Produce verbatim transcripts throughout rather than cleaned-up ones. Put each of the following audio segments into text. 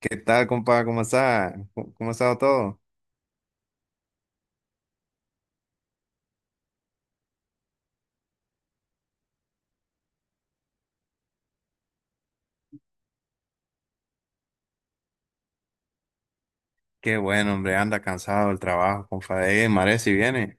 ¿Qué tal, compa? ¿Cómo está? ¿Cómo cómo ha estado todo? Qué bueno, hombre, anda cansado del trabajo, compadre. Eh, mare, si viene.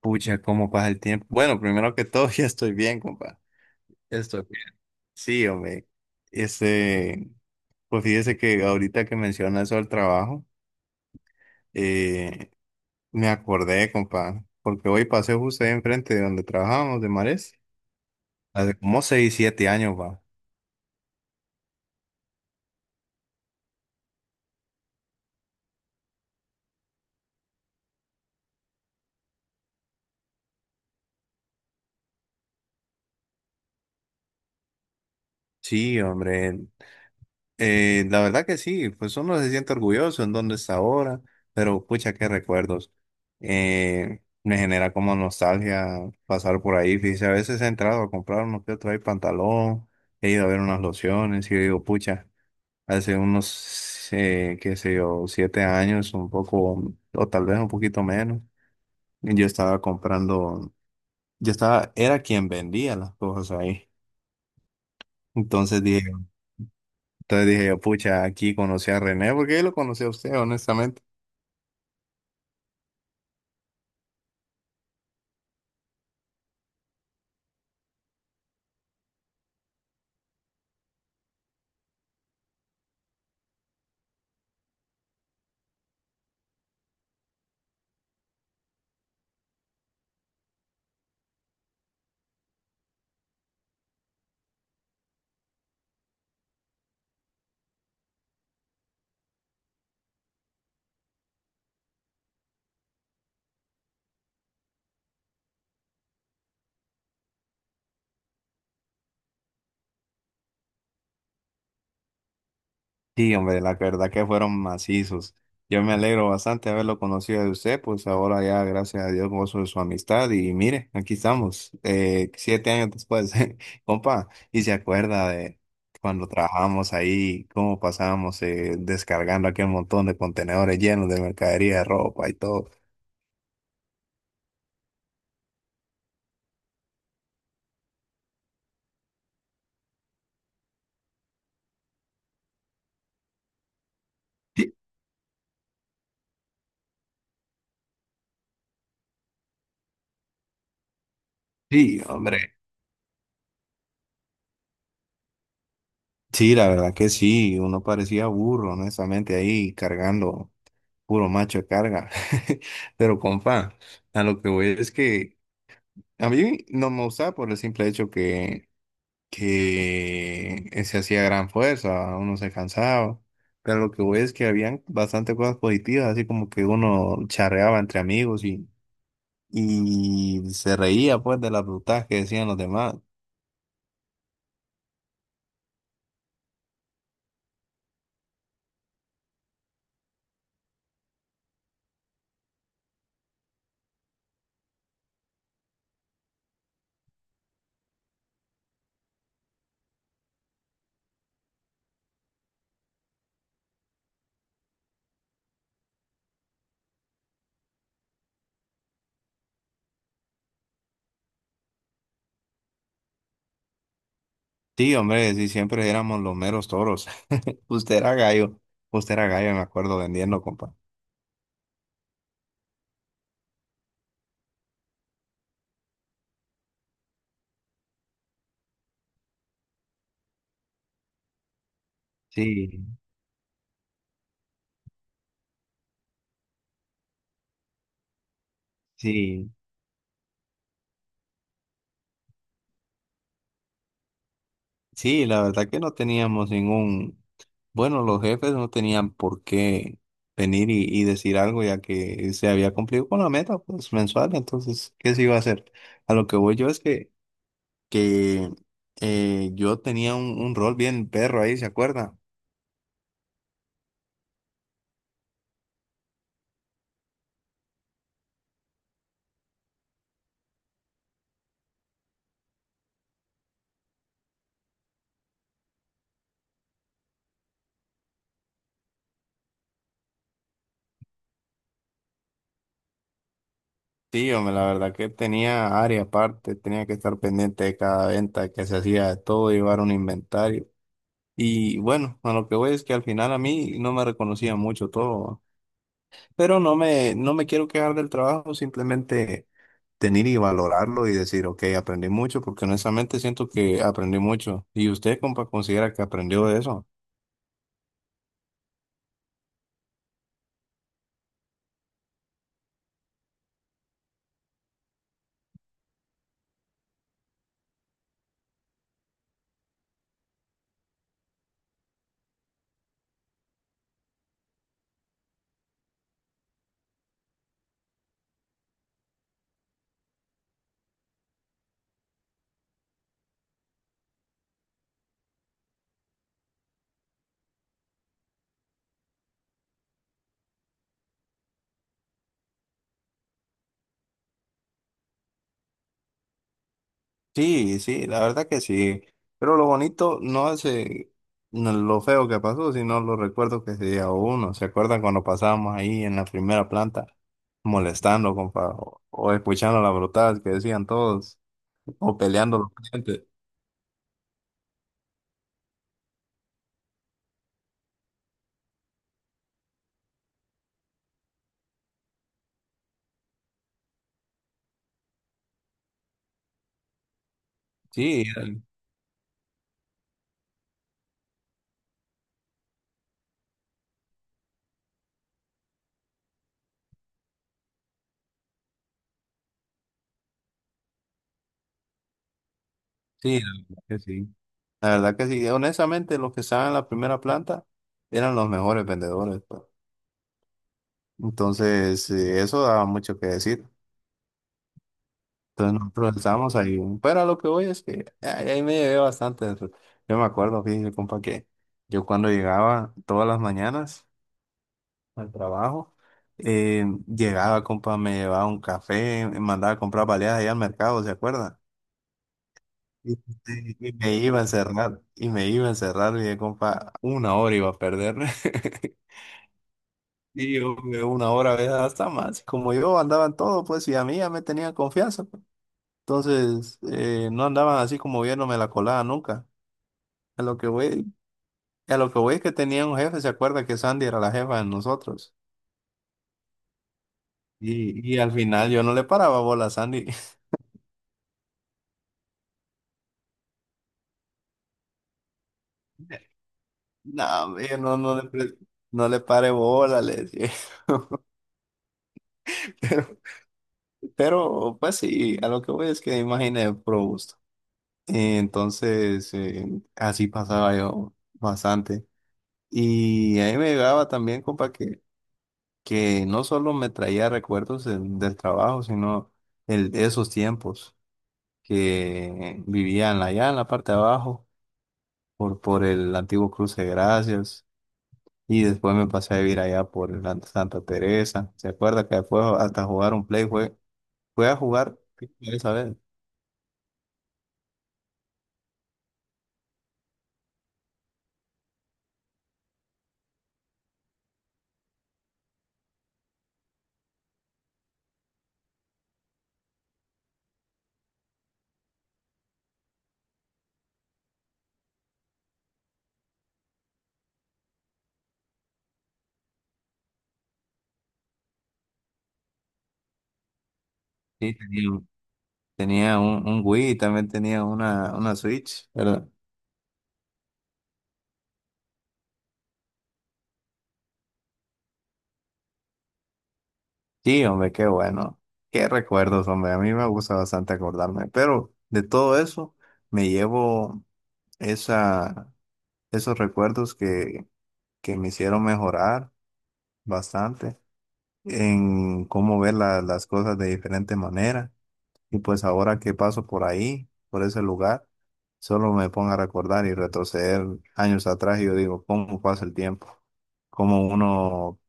Pucha, cómo pasa el tiempo. Bueno, primero que todo, ya estoy bien, compa. Ya estoy bien. Sí, hombre. Este, pues fíjese que ahorita que menciona eso del trabajo, eh, me acordé, compa, porque hoy pasé justo ahí enfrente de donde trabajábamos, de Mares, hace como seis, siete años, va. Sí, hombre. Eh, la verdad que sí, pues uno se siente orgulloso en dónde está ahora, pero pucha, qué recuerdos. Eh, me genera como nostalgia pasar por ahí. Fíjese, a veces he entrado a comprar uno que otro ahí pantalón, he ido a ver unas lociones y digo, pucha, hace unos, eh, qué sé yo, siete años, un poco, o tal vez un poquito menos, yo estaba comprando, yo estaba, era quien vendía las cosas ahí. Entonces dije, Entonces dije yo, pucha, aquí conocí a René, porque yo lo conocí a usted, honestamente. Sí, hombre, la verdad que fueron macizos. Yo me alegro bastante de haberlo conocido de usted, pues ahora ya, gracias a Dios, gozo de su amistad. Y mire, aquí estamos, eh, siete años después, compa, y se acuerda de cuando trabajamos ahí, cómo pasábamos eh, descargando aquel montón de contenedores llenos de mercadería, de ropa y todo. Sí, hombre. Sí, la verdad que sí, uno parecía burro, honestamente, ahí cargando, puro macho de carga. Pero compa, a lo que voy es que a mí no me gustaba por el simple hecho que, que se hacía gran fuerza, uno se cansaba. Pero lo que voy es que habían bastante cosas positivas, así como que uno charreaba entre amigos y, y se reía pues de las brutas que decían los demás. Sí, hombre, sí, siempre éramos los meros toros. Usted era gallo, Usted era gallo, me acuerdo vendiendo, compa. Sí, sí. Sí, la verdad que no teníamos ningún, bueno, los jefes no tenían por qué venir y, y decir algo ya que se había cumplido con la meta pues mensual, entonces, ¿qué se iba a hacer? A lo que voy yo es que, que eh, yo tenía un, un rol bien perro ahí, ¿se acuerda? Sí, hombre, la verdad que tenía área aparte, tenía que estar pendiente de cada venta que se hacía, de todo, llevar un inventario. Y bueno, a lo que voy es que al final a mí no me reconocía mucho todo, pero no me, no me quiero quejar del trabajo, simplemente tener y valorarlo y decir, ok, aprendí mucho, porque honestamente siento que aprendí mucho. ¿Y usted, compa, considera que aprendió de eso? Sí, sí, la verdad que sí. Pero lo bonito no es eh, no lo feo que pasó, sino los recuerdos que se lleva uno. ¿Se acuerdan cuando pasábamos ahí en la primera planta molestando, compa, o, o escuchando las brotadas que decían todos, o peleando los clientes? Sí, era- sí, la verdad que sí. La verdad que sí, honestamente los que estaban en la primera planta eran los mejores vendedores, pues. Entonces, eh, eso daba mucho que decir. Entonces nosotros estábamos ahí. Pero a lo que voy es que ahí ahí me llevé bastante. Yo me acuerdo, fíjese, compa, que yo cuando llegaba todas las mañanas al trabajo, eh, llegaba, compa, me llevaba un café, me mandaba a comprar baleadas allá al mercado, ¿se acuerda? Y, y- y me iba a encerrar, y me iba a encerrar, y dije, compa, una hora iba a perder. Y yo que una hora, ¿verdad? Hasta más. Como yo andaba en todo, pues, y a mí ya me tenían confianza, pues. Entonces, eh, no andaban así como viéndome la colada nunca. A lo que voy, a lo que voy es que tenía un jefe, ¿se acuerda que Sandy era la jefa de nosotros? Y y al final yo no le paraba bola a Sandy. No, hombre, no, no le, pre- no le pare bola, le decía. Pero, pero, pues sí, a lo que voy es que imaginé pro gusto. Y entonces, eh, así pasaba yo bastante. Y ahí me llegaba también, compa, que, que no solo me traía recuerdos del, del trabajo, sino el, esos tiempos que vivían allá en la parte de abajo, por, por el antiguo Cruce de Gracias, y después me pasé a vivir allá por la Santa Teresa. ¿Se acuerda que después hasta jugar un play fue, fue a jugar esa vez? Sí, tenía, un- tenía un, un Wii, también tenía una, una Switch, ¿verdad? Sí, hombre, qué bueno. Qué recuerdos, hombre. A mí me gusta bastante acordarme. Pero de todo eso me llevo esa, esos recuerdos que, que me hicieron mejorar bastante en cómo ver la- las cosas de diferente manera. Y pues ahora que paso por ahí, por ese lugar, solo me pongo a recordar y retroceder años atrás y yo digo, ¿cómo pasa el tiempo? Cómo uno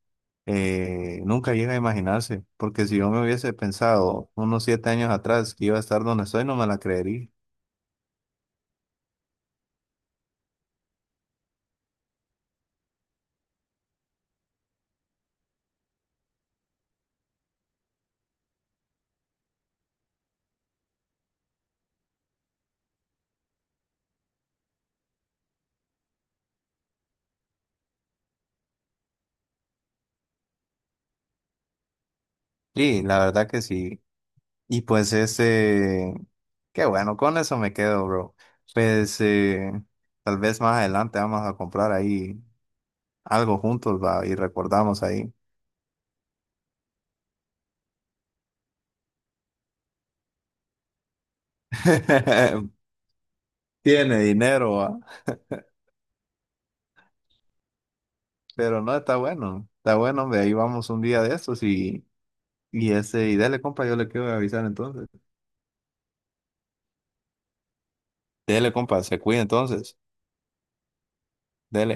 eh, nunca llega a imaginarse, porque si yo me hubiese pensado unos siete años atrás que iba a estar donde estoy, no me la creería. Sí, la verdad que sí. Y pues ese, qué bueno, con eso me quedo, bro. Pues eh, tal vez más adelante vamos a comprar ahí algo juntos, va, y recordamos ahí. Tiene dinero, va. Pero no, está bueno, está bueno, hombre, ahí vamos un día de estos y, y ese, y dale, compa, yo le quiero avisar entonces. Dele, compa, se cuida entonces. Dele.